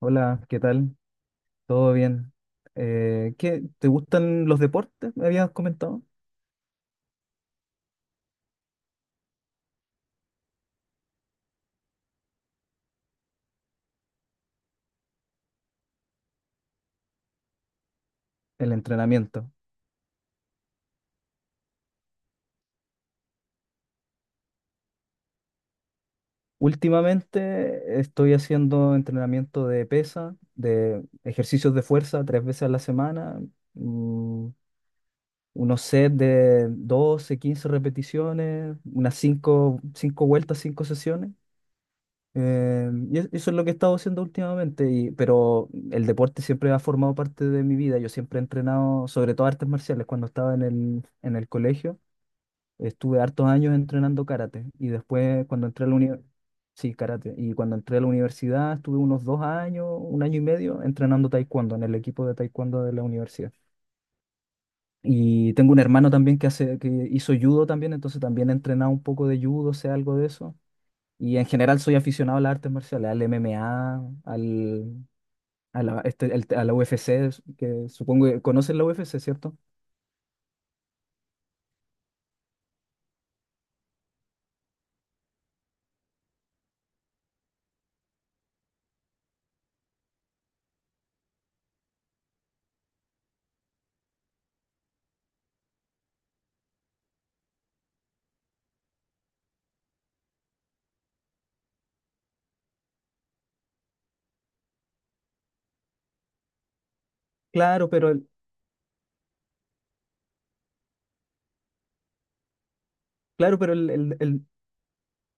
Hola, ¿qué tal? ¿Todo bien? ¿Qué, te gustan los deportes? Me habías comentado. El entrenamiento. Últimamente estoy haciendo entrenamiento de pesa, de ejercicios de fuerza tres veces a la semana, mm, unos sets de 12, 15 repeticiones, unas cinco vueltas, 5 sesiones. Eso es lo que he estado haciendo últimamente, pero el deporte siempre ha formado parte de mi vida. Yo siempre he entrenado, sobre todo artes marciales, cuando estaba en el colegio. Estuve hartos años entrenando karate y después cuando entré a la universidad, sí, karate, y cuando entré a la universidad estuve unos dos años, un año y medio entrenando taekwondo en el equipo de taekwondo de la universidad. Y tengo un hermano también que hizo judo también, entonces también he entrenado un poco de judo, sé algo de eso. Y en general soy aficionado a las artes marciales, al MMA, al, a la, este- el- a la UFC, que supongo que conocen la UFC, ¿cierto? Claro, pero el, claro, pero el, el- el-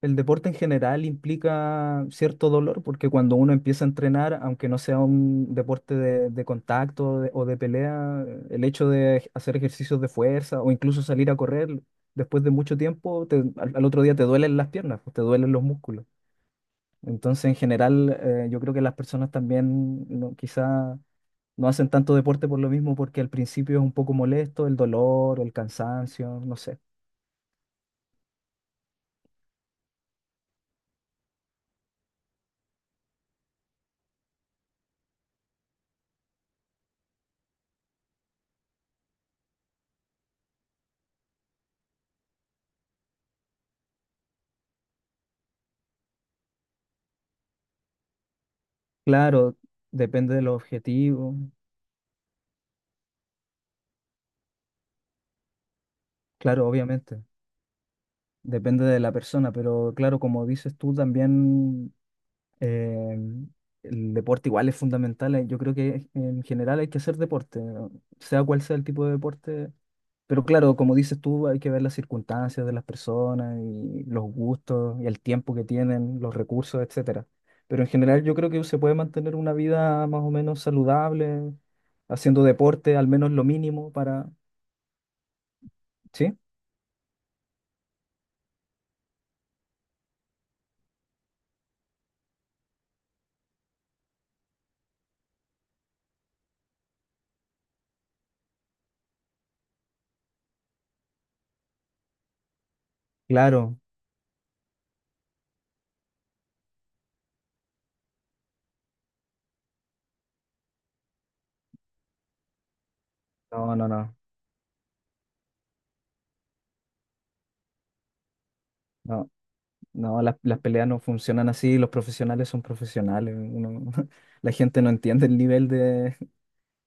el deporte en general implica cierto dolor, porque cuando uno empieza a entrenar, aunque no sea un deporte de contacto o de pelea, el hecho de hacer ejercicios de fuerza o incluso salir a correr después de mucho tiempo, al otro día te duelen las piernas, pues, te duelen los músculos. Entonces, en general, yo creo que las personas también no, quizá no hacen tanto deporte por lo mismo, porque al principio es un poco molesto el dolor o el cansancio, no sé. Claro, depende de los objetivos, claro, obviamente, depende de la persona, pero claro, como dices tú, también eh, el deporte igual es fundamental. Yo creo que en general hay que hacer deporte, sea cual sea el tipo de deporte. Pero claro, como dices tú, hay que ver las circunstancias de las personas y los gustos y el tiempo que tienen, los recursos, etcétera. Pero en general yo creo que se puede mantener una vida más o menos saludable, haciendo deporte, al menos lo mínimo para... ¿Sí? Claro. No, no, no. No, no, las peleas no funcionan así, los profesionales son profesionales. La gente no entiende el nivel de,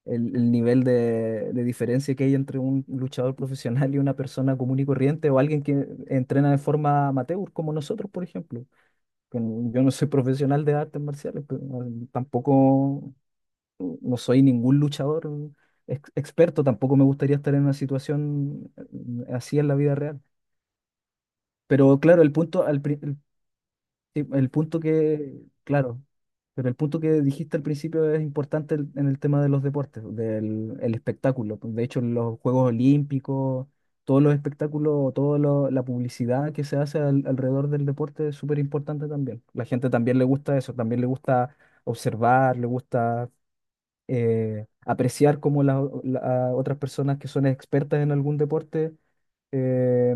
el nivel de diferencia que hay entre un luchador profesional y una persona común y corriente o alguien que entrena de forma amateur, como nosotros, por ejemplo. Yo no soy profesional de artes marciales, pero tampoco no soy ningún luchador experto, tampoco me gustaría estar en una situación así en la vida real. Pero claro, el punto, al pri- el, Sí, el punto que, claro, pero el punto que dijiste al principio es importante en el tema de los deportes, del el espectáculo. Pues, de hecho, los Juegos Olímpicos, todos los espectáculos, toda la publicidad que se hace alrededor del deporte es súper importante también. La gente también le gusta eso, también le gusta observar, le gusta apreciar cómo las otras personas que son expertas en algún deporte eh,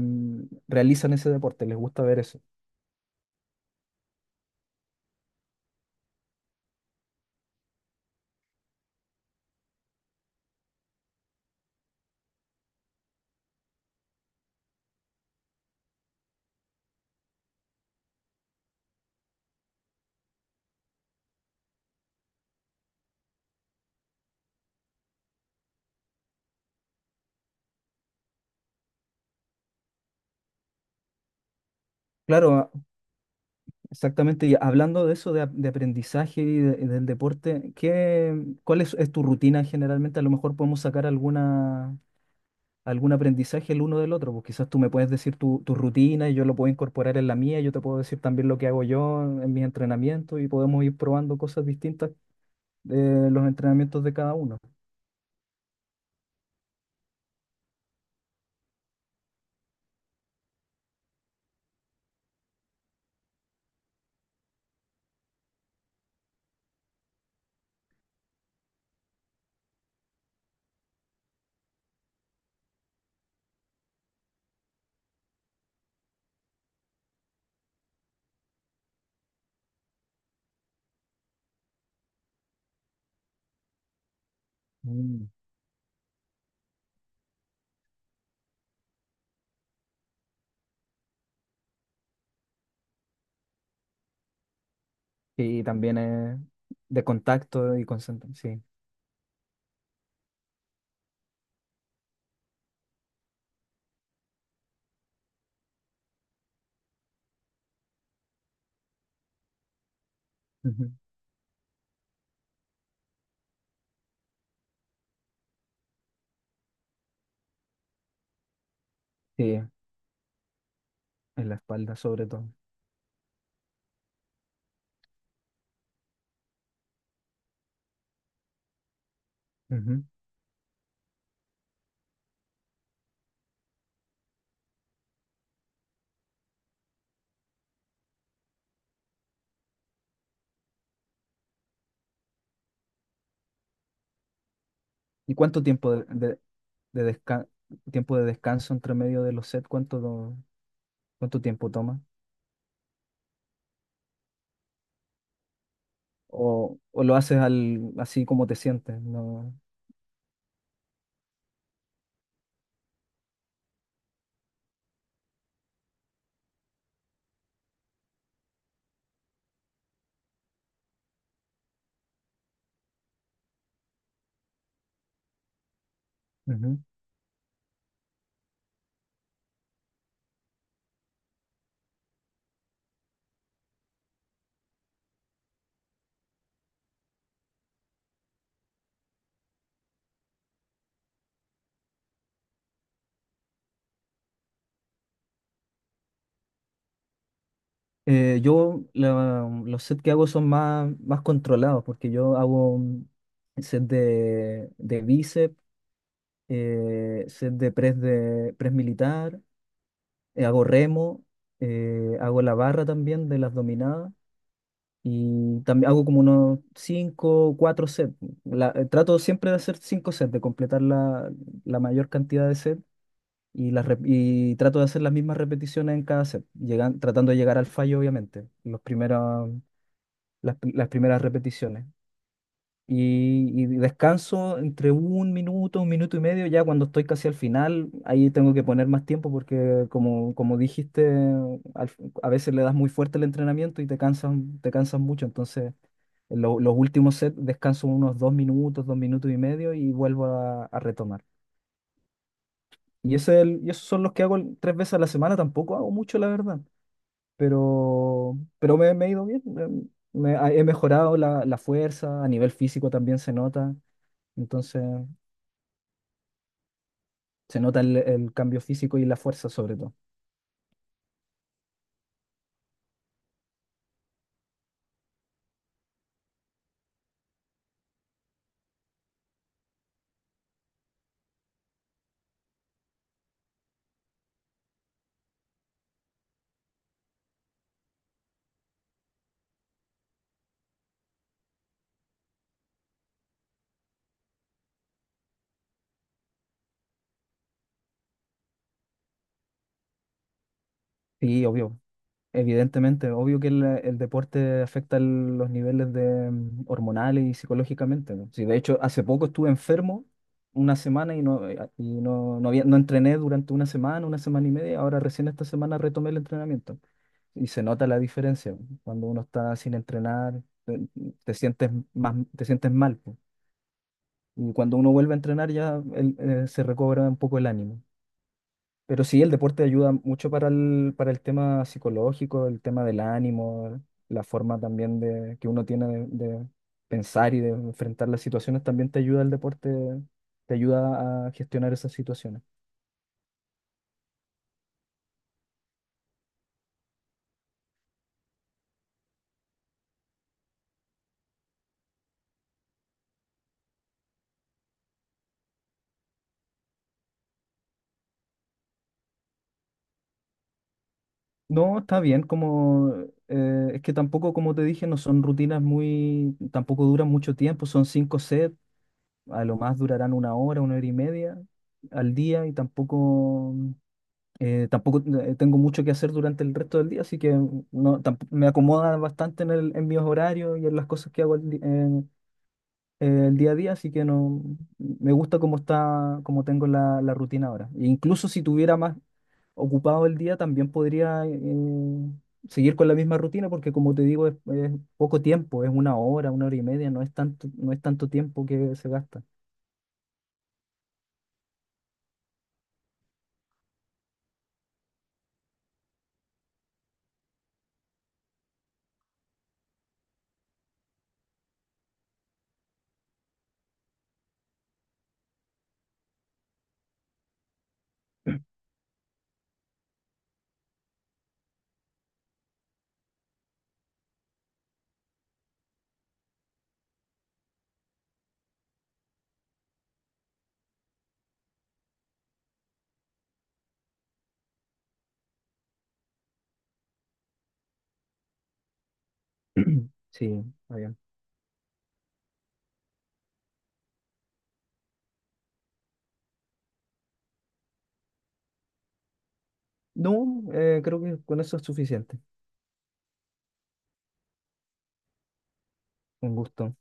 realizan ese deporte, les gusta ver eso. Claro, exactamente, y hablando de eso, de aprendizaje y del deporte, ¿cuál es tu rutina generalmente? A lo mejor podemos sacar alguna, algún aprendizaje el uno del otro, pues quizás tú me puedes decir tu rutina y yo lo puedo incorporar en la mía, yo te puedo decir también lo que hago yo en mis entrenamientos y podemos ir probando cosas distintas de los entrenamientos de cada uno. Mm. Y también de contacto y concentración, sí. Ujú. Sí, en la espalda sobre todo. Ujú. ¿Y cuánto tiempo de desca- tiempo de descanso entre medio de los sets? ¿Cuánto tiempo toma? O lo haces al, así como te sientes? No. Ujú. Los sets que hago son más, más controlados porque yo hago un set de bíceps, set de press militar, hago remo, hago la barra también de las dominadas. Y también hago como unos 5 4 sets. Trato siempre de hacer 5 sets, de completar la, la mayor cantidad de sets y, y trato de hacer las mismas repeticiones en cada set, llegan, tratando de llegar al fallo, obviamente, los primeros, las primeras repeticiones y descanso entre un minuto y medio, ya cuando estoy casi al final, ahí tengo que poner más tiempo porque como dijiste, al- a veces le das muy fuerte el entrenamiento y te cansas mucho, entonces en los últimos sets descanso unos dos minutos y medio y vuelvo a retomar. Y, y esos son los que hago tres veces a la semana, tampoco hago mucho, la verdad, pero me he ido bien, he mejorado la, la fuerza, a nivel físico también se nota, entonces... Se nota el cambio físico y la fuerza sobre todo. Sí, obvio. Evidentemente, obvio que el deporte afecta los niveles de, hormonales y psicológicamente, ¿no? Sí, de hecho, hace poco estuve enfermo una semana no había, no entrené durante una semana y media. Ahora recién esta semana retomé el entrenamiento. Y se nota la diferencia, ¿no? Cuando uno está sin entrenar, te sientes más, te sientes mal, pues. Y cuando uno vuelve a entrenar ya se recobra un poco el ánimo. Pero sí, el deporte ayuda mucho para para el tema psicológico, el tema del ánimo, la forma también de, que uno tiene de pensar y de enfrentar las situaciones, también te ayuda el deporte, te ayuda a gestionar esas situaciones. No, está bien, como es que tampoco, como te dije, no son rutinas muy, tampoco duran mucho tiempo, son cinco sets, a lo más durarán una hora y media al día y tampoco... tengo mucho que hacer durante el resto del día, así que no, me acomoda bastante en mis horarios y en las cosas que hago el día a día, así que no, me gusta cómo está, cómo tengo la, la rutina ahora. E incluso si tuviera más ocupado el día, también podría seguir con la misma rutina, porque como te digo, es poco tiempo, es una hora y media, no es tanto, no es tanto tiempo que se gasta. Sí, está bien. No, creo que con eso es suficiente. Un gusto.